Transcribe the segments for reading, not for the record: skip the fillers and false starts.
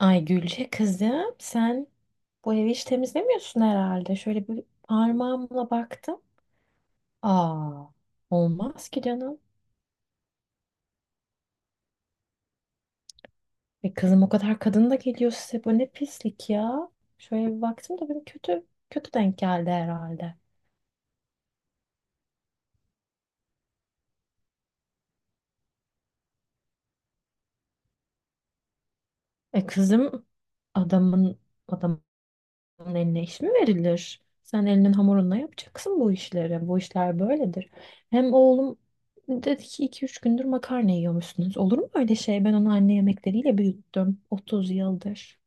Ay Gülce kızım sen bu evi hiç temizlemiyorsun herhalde. Şöyle bir parmağımla baktım. Aa, olmaz ki canım. E kızım, o kadar kadın da geliyor size. Bu ne pislik ya. Şöyle bir baktım da benim kötü kötü denk geldi herhalde. E kızım, adamın adamın onun eline iş mi verilir? Sen elinin hamurunla yapacaksın bu işleri. Bu işler böyledir. Hem oğlum dedi ki 2-3 gündür makarna yiyormuşsunuz. Olur mu öyle şey? Ben onu anne yemekleriyle büyüttüm 30 yıldır.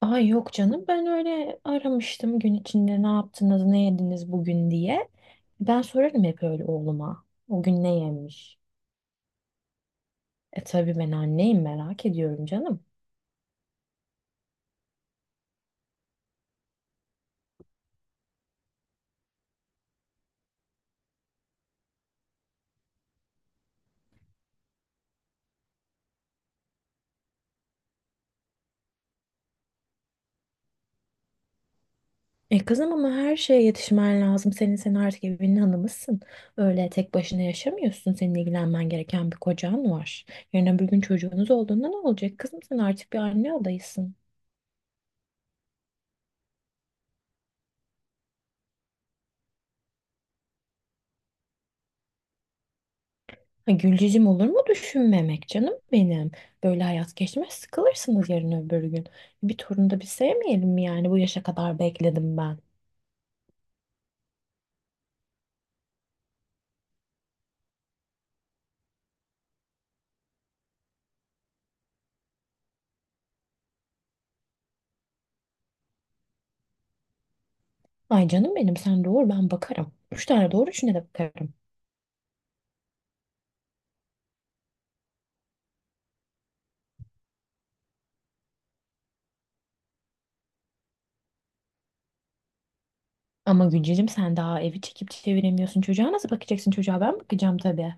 Ay yok canım, ben öyle aramıştım gün içinde ne yaptınız ne yediniz bugün diye. Ben sorarım hep öyle oğluma. O gün ne yemiş? E tabii, ben anneyim, merak ediyorum canım. E kızım, ama her şeye yetişmen lazım. Senin sen artık evinin hanımısın. Öyle tek başına yaşamıyorsun. Senin ilgilenmen gereken bir kocan var. Yarın öbür gün çocuğunuz olduğunda ne olacak? Kızım sen artık bir anne adayısın. Ha, Gülcicim, olur mu düşünmemek canım benim? Böyle hayat geçmez, sıkılırsınız yarın öbür gün. Bir torun da bir sevmeyelim mi yani, bu yaşa kadar bekledim ben. Ay canım benim, sen doğur ben bakarım. 3 tane doğur, 3'üne de bakarım. Ama Gülcicim, sen daha evi çekip çeviremiyorsun. Çocuğa nasıl bakacaksın? Çocuğa ben bakacağım tabii.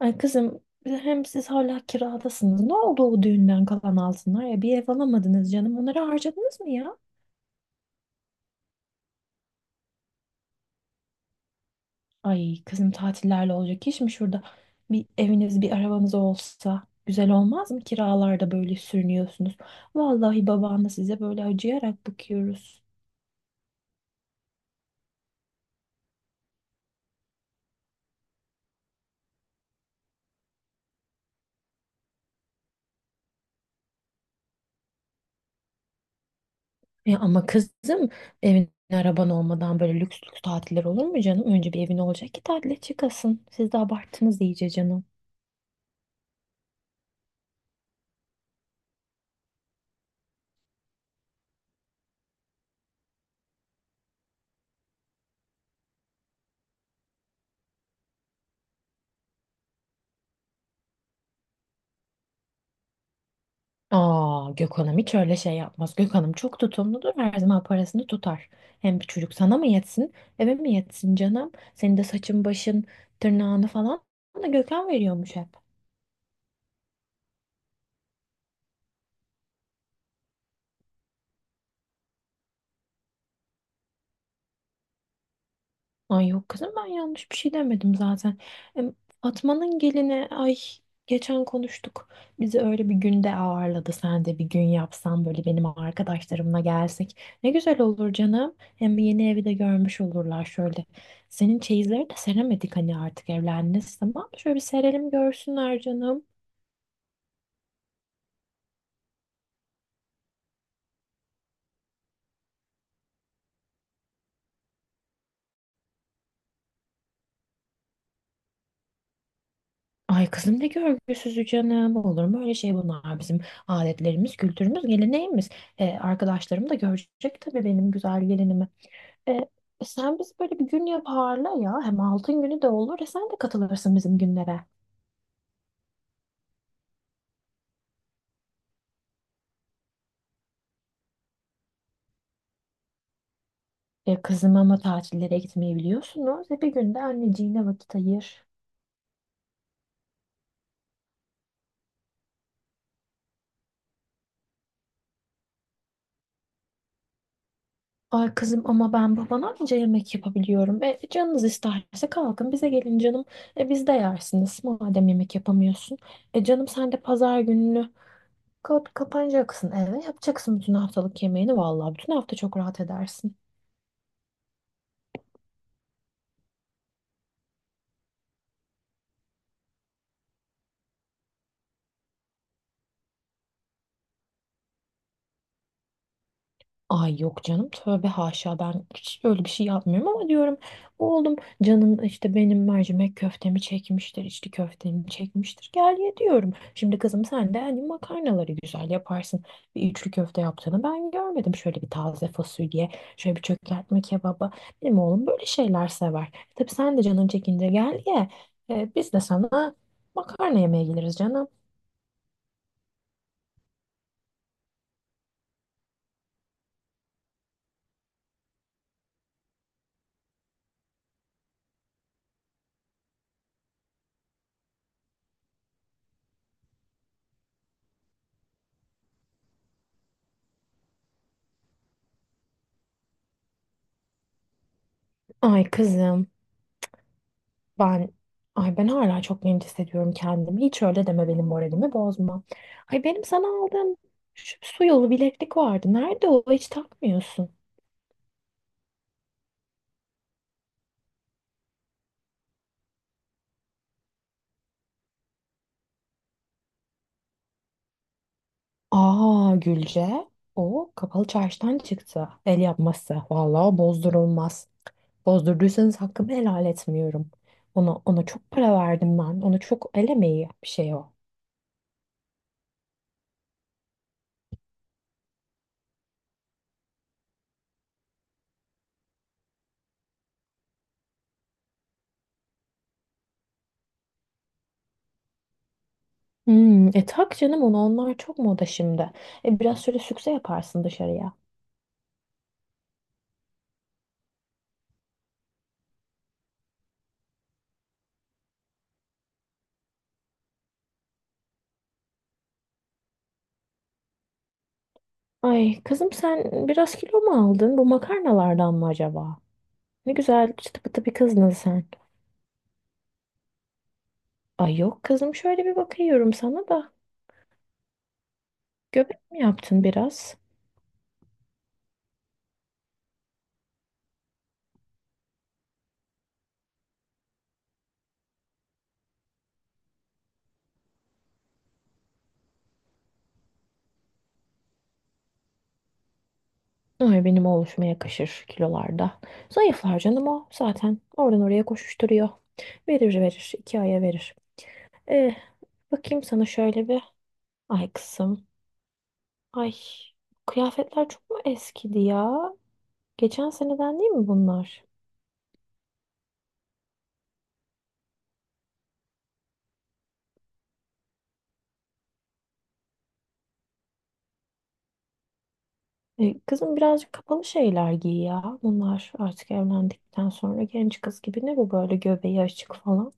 Ay kızım, hem siz hala kiradasınız. Ne oldu o düğünden kalan altınlar ya? Bir ev alamadınız canım. Onları harcadınız mı ya? Ay kızım, tatillerle olacak iş mi şurada? Bir eviniz bir arabanız olsa güzel olmaz mı? Kiralarda böyle sürünüyorsunuz. Vallahi babanla size böyle acıyarak bakıyoruz. Ya ama kızım, evin araban olmadan böyle lüks lüks tatiller olur mu canım? Önce bir evin olacak ki tatile çıkasın. Siz de abarttınız iyice canım. Aa, Gökhan'ım hiç öyle şey yapmaz. Gökhan'ım çok tutumludur. Her zaman parasını tutar. Hem bir çocuk sana mı yetsin, eve mi yetsin canım? Senin de saçın, başın, tırnağını falan da Gökhan veriyormuş hep. Ay yok kızım, ben yanlış bir şey demedim zaten. Em, Fatma'nın gelini, ay, geçen konuştuk. Bizi öyle bir günde ağırladı. Sen de bir gün yapsan böyle, benim arkadaşlarımla gelsek. Ne güzel olur canım. Hem yeni evi de görmüş olurlar şöyle. Senin çeyizleri de seremedik hani, artık evlendiniz, tamam mı? Şöyle bir serelim görsünler canım. Ay kızım, ne görgüsüzü canım. Olur mu öyle şey, bunlar bizim adetlerimiz, kültürümüz, geleneğimiz. E, arkadaşlarım da görecek tabii benim güzel gelinimi. E, sen biz böyle bir gün yaparla ya. Hem altın günü de olur. E sen de katılırsın bizim günlere. E kızım, ama tatillere gitmeyi biliyorsunuz. E, bir günde anneciğine vakit ayır. Ay kızım, ama ben babana anca yemek yapabiliyorum. E, canınız isterse kalkın bize gelin canım. E, biz de yersiniz madem yemek yapamıyorsun. E canım, sen de pazar gününü kapanacaksın eve. Yapacaksın bütün haftalık yemeğini. Vallahi bütün hafta çok rahat edersin. Ay yok canım, tövbe haşa, ben hiç öyle bir şey yapmıyorum, ama diyorum oğlum, canın işte benim mercimek köftemi çekmiştir, içli köftemi çekmiştir, gel ye diyorum. Şimdi kızım, sen de hani makarnaları güzel yaparsın, bir üçlü köfte yaptığını ben görmedim, şöyle bir taze fasulye, şöyle bir çökertme kebaba, benim oğlum böyle şeyler sever. E tabii, sen de canın çekince gel ye. Biz de sana makarna yemeye geliriz canım. Ay kızım. Ben, ay, ben hala çok genç hissediyorum kendimi. Hiç öyle deme, benim moralimi bozma. Ay, benim sana aldığım şu su yolu bileklik vardı. Nerede o? Hiç takmıyorsun. Aa, Gülce. O kapalı çarşıdan çıktı. El yapması. Vallahi bozdurulmaz. Bozdurduysanız hakkımı helal etmiyorum. Ona çok para verdim ben. Ona çok el emeği bir şey o. Hmm, e tak canım onu, onlar çok moda şimdi. E, biraz şöyle sükse yaparsın dışarıya. Ay kızım, sen biraz kilo mu aldın? Bu makarnalardan mı acaba? Ne güzel çıtı pıtı bir kızdın sen. Ay yok kızım, şöyle bir bakıyorum sana da. Göbek mi yaptın biraz? Ay, benim oluşuma yakışır kilolarda. Zayıflar canım o zaten. Oradan oraya koşuşturuyor. Verir verir. 2 aya verir. Eh, bakayım sana şöyle bir. Ay kızım. Ay, kıyafetler çok mu eskidi ya? Geçen seneden değil mi bunlar? E kızım, birazcık kapalı şeyler giy ya. Bunlar artık evlendikten sonra genç kız gibi, ne bu böyle göbeği açık falan.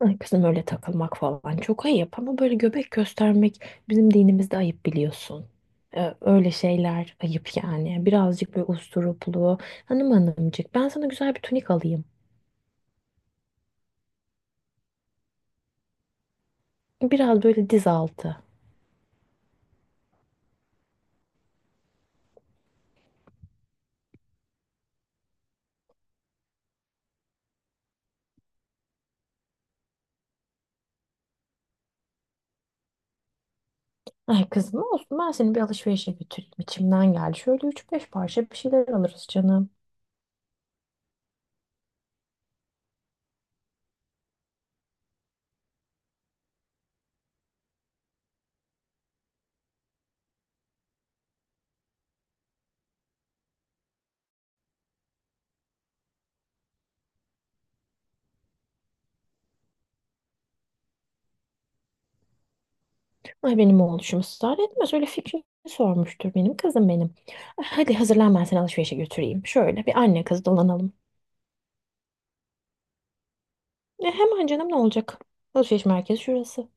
Ay kızım, öyle takılmak falan çok ayıp, ama böyle göbek göstermek bizim dinimizde ayıp, biliyorsun. Öyle şeyler ayıp yani. Birazcık böyle usturuplu. Hanım hanımcık, ben sana güzel bir tunik alayım. Biraz böyle diz altı. Ay kızım olsun, ben seni bir alışverişe götüreyim. İçimden geldi. Şöyle 3-5 parça bir şeyler alırız canım. Ay, benim oğluşum ısrar etmez. Öyle fikrini sormuştur benim kızım benim. Ay, hadi hazırlan, ben seni alışverişe götüreyim. Şöyle bir anne kız dolanalım. E, hemen canım, ne olacak? Alışveriş merkezi şurası.